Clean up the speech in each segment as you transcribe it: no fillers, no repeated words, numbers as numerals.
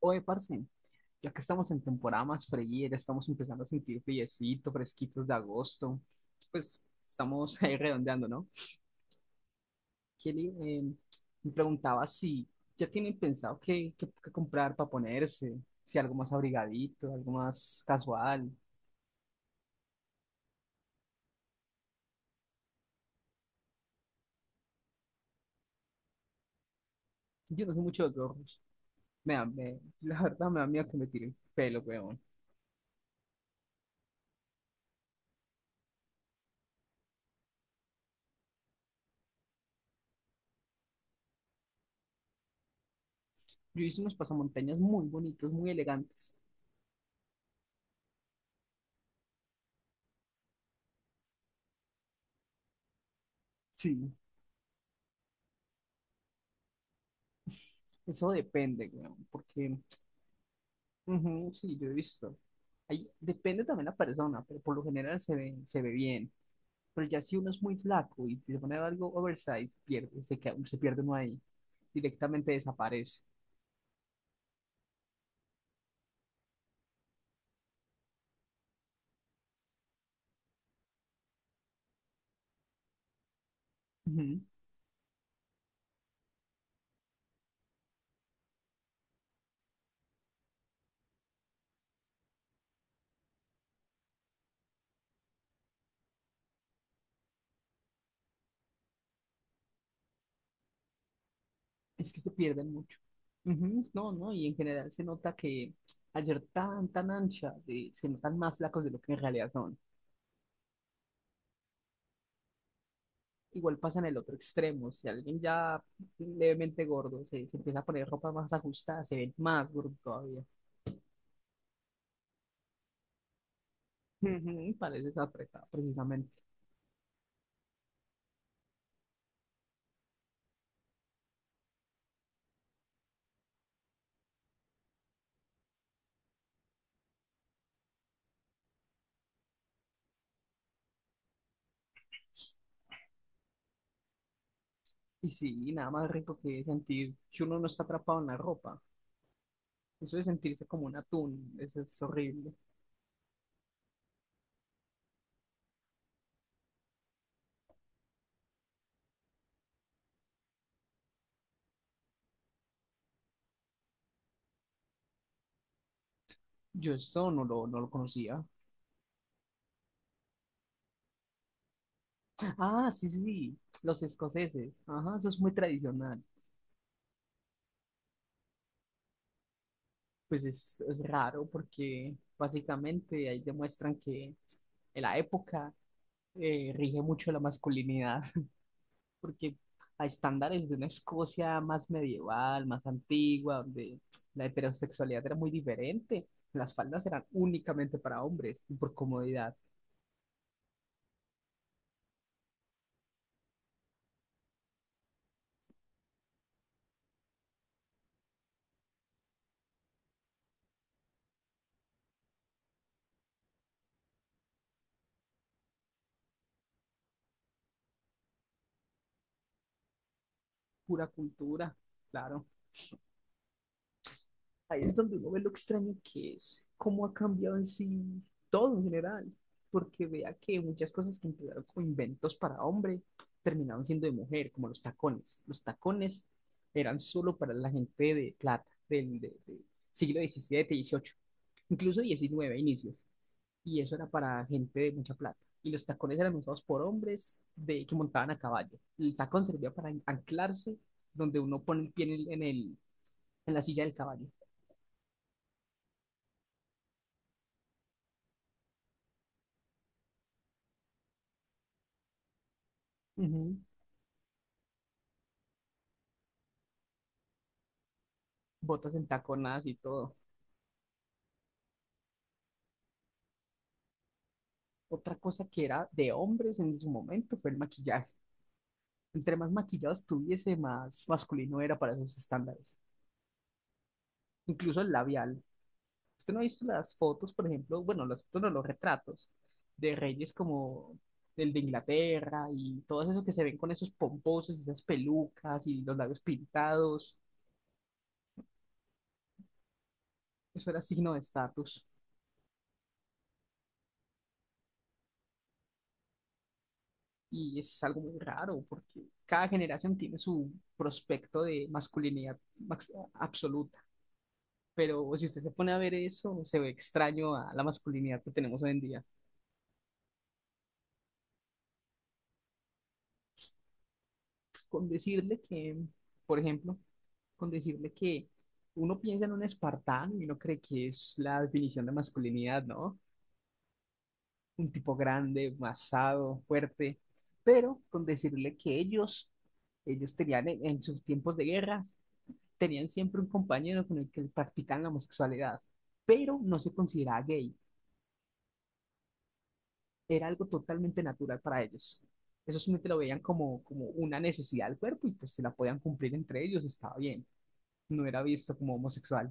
Oye, parce, ya que estamos en temporada más fría, ya estamos empezando a sentir friecito, fresquitos de agosto, pues estamos ahí redondeando, ¿no? Kelly, me preguntaba si ya tienen pensado qué comprar para ponerse, si algo más abrigadito, algo más casual. Yo no sé mucho de gorros. La verdad me da miedo que me tire el pelo, weón. Yo hice unos pasamontañas muy bonitos, muy elegantes. Sí, eso depende, weón, porque... Ujú, sí, yo he visto. Ahí depende también la persona, pero por lo general se ve bien. Pero ya si uno es muy flaco y se pone algo oversize, pierde, se pierde uno ahí. Directamente desaparece. Ujú. Es que se pierden mucho. Ujú. No, no, y en general se nota que al ser tan ancha, se notan más flacos de lo que en realidad son. Igual pasa en el otro extremo. Si alguien ya levemente gordo se empieza a poner ropa más ajustada, se ve más gordo todavía. Ujú. Pareces apretado, precisamente. Y sí, nada más rico que sentir que uno no está atrapado en la ropa. Eso de sentirse como un atún, eso es horrible. Yo esto no lo conocía. Ah, sí, sí, sí, los escoceses. Ajá, eso es muy tradicional. Pues es raro porque básicamente ahí demuestran que en la época rige mucho la masculinidad. Porque a estándares de una Escocia más medieval, más antigua, donde la heterosexualidad era muy diferente, las faldas eran únicamente para hombres y por comodidad, pura cultura, claro. Ahí es donde uno ve lo extraño que es, cómo ha cambiado en sí todo en general, porque vea que muchas cosas que empezaron como inventos para hombre terminaron siendo de mujer, como los tacones. Los tacones eran solo para la gente de plata, del de siglo XVII y XVIII, incluso XIX inicios. Y eso era para gente de mucha plata. Y los tacones eran usados por hombres que montaban a caballo. El tacón servía para anclarse donde uno pone el pie en la silla del caballo. Ujú. Botas entaconadas y todo. Otra cosa que era de hombres en su momento fue el maquillaje. Entre más maquillado estuviese, más masculino era para esos estándares. Incluso el labial... Usted no ha visto las fotos, por ejemplo, bueno, las fotos no, los retratos de reyes como el de Inglaterra y todos esos que se ven con esos pomposos y esas pelucas y los labios pintados. Eso era signo de estatus y es algo muy raro porque cada generación tiene su prospecto de absoluta. Pero si usted se pone a ver eso, se ve extraño a la masculinidad que tenemos hoy en día. Con decirle que, por ejemplo, con decirle que uno piensa en un espartano y uno cree que es la definición de masculinidad, ¿no? Un tipo grande, masado, fuerte, pero con decirle que ellos tenían en sus tiempos de guerras, tenían siempre un compañero con el que practicaban la homosexualidad, pero no se consideraba gay, era algo totalmente natural para ellos. Eso simplemente lo veían como, como una necesidad del cuerpo y pues se la podían cumplir entre ellos, estaba bien, no era visto como homosexual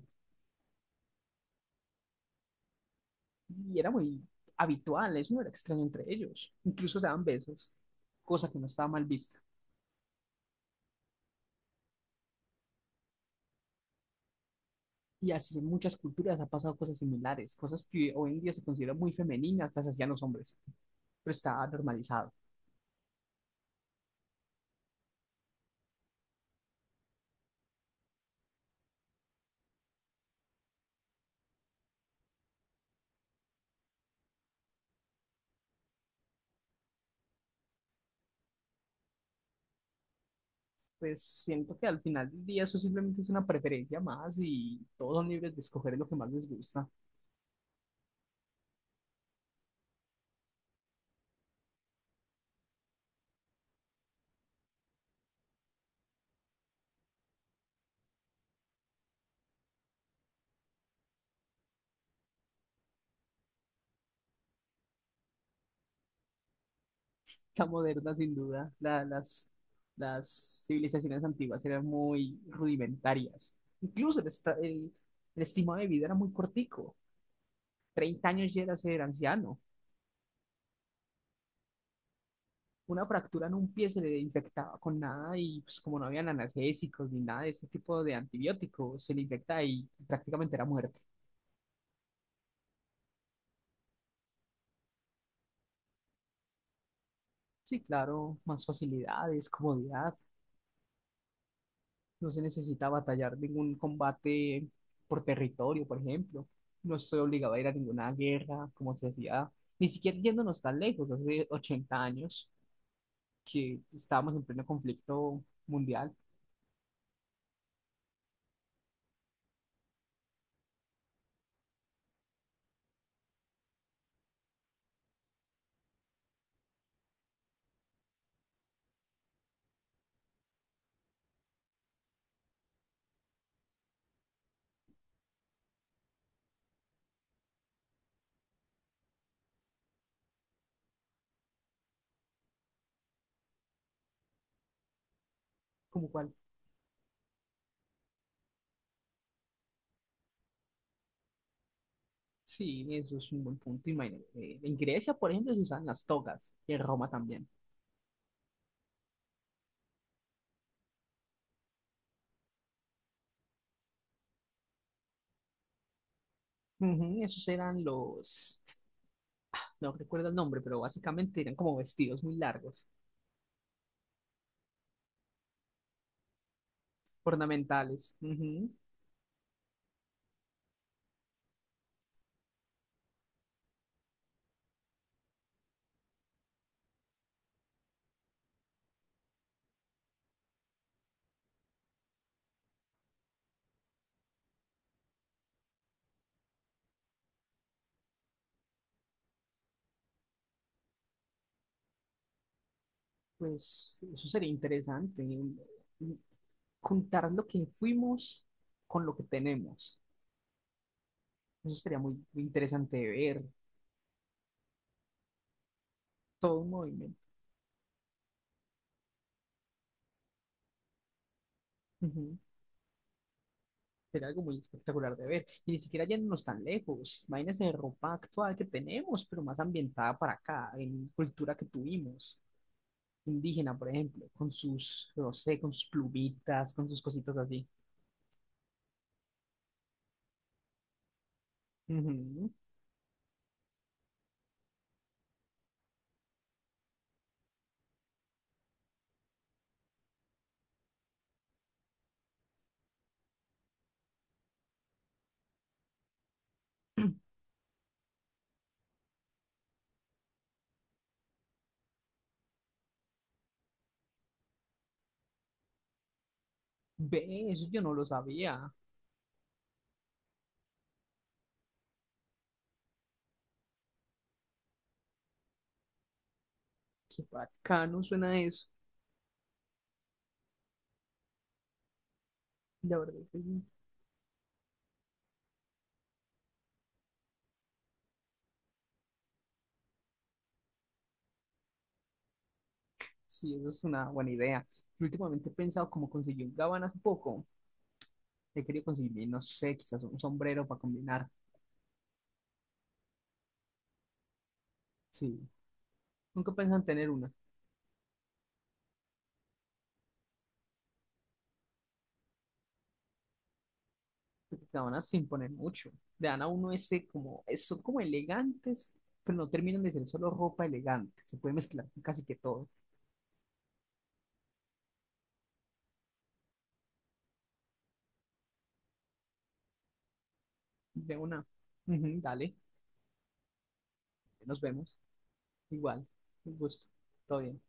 y era muy habitual, eso no era extraño entre ellos. Incluso se daban besos, cosa que no estaba mal vista. Y así en muchas culturas ha pasado cosas similares, cosas que hoy en día se consideran muy femeninas, las hacían los hombres, pero está normalizado. Pues siento que al final del día eso simplemente es una preferencia más y todos son libres de escoger lo que más les gusta. La moderna, sin duda. Las civilizaciones antiguas eran muy rudimentarias. Incluso el estimado de vida era muy cortico. 30 años ya era ser anciano. Una fractura en un pie se le infectaba con nada y pues como no habían analgésicos ni nada de ese tipo de antibióticos, se le infecta y prácticamente era muerte. Sí, claro, más facilidades, comodidad. No se necesita batallar ningún combate por territorio, por ejemplo. No estoy obligado a ir a ninguna guerra, como se hacía, ni siquiera yéndonos tan lejos, hace 80 años que estábamos en pleno conflicto mundial. ¿Como cual. Sí, eso es un buen punto. Imagínate, en Grecia, por ejemplo, se usaban las togas, y en Roma también. Ujú, esos eran los, no recuerdo el nombre, pero básicamente eran como vestidos muy largos, ornamentales. Ujú. Pues eso sería interesante, mm, contar lo que fuimos con lo que tenemos. Eso sería muy interesante de ver, todo un movimiento. Ujú. Sería algo muy espectacular de ver. Y ni siquiera yéndonos tan lejos. Imagínense ropa actual que tenemos, pero más ambientada para acá, en cultura que tuvimos. Indígena, por ejemplo, con sus, no sé, con sus plumitas, con sus cositas así. Ujú. Ve, eso yo no lo sabía. Qué bacano suena eso. La verdad es que sí. Sí, eso es una buena idea. Yo últimamente he pensado como conseguir un gabán hace poco. He querido conseguir, no sé, quizás un sombrero para combinar. Sí. Nunca pensan tener una. Porque gabanas sin poner mucho. Le dan a uno ese como, son como elegantes, pero no terminan de ser solo ropa elegante. Se puede mezclar con casi que todo. De una. Ujú, dale, nos vemos. Igual. Un gusto. Todo bien.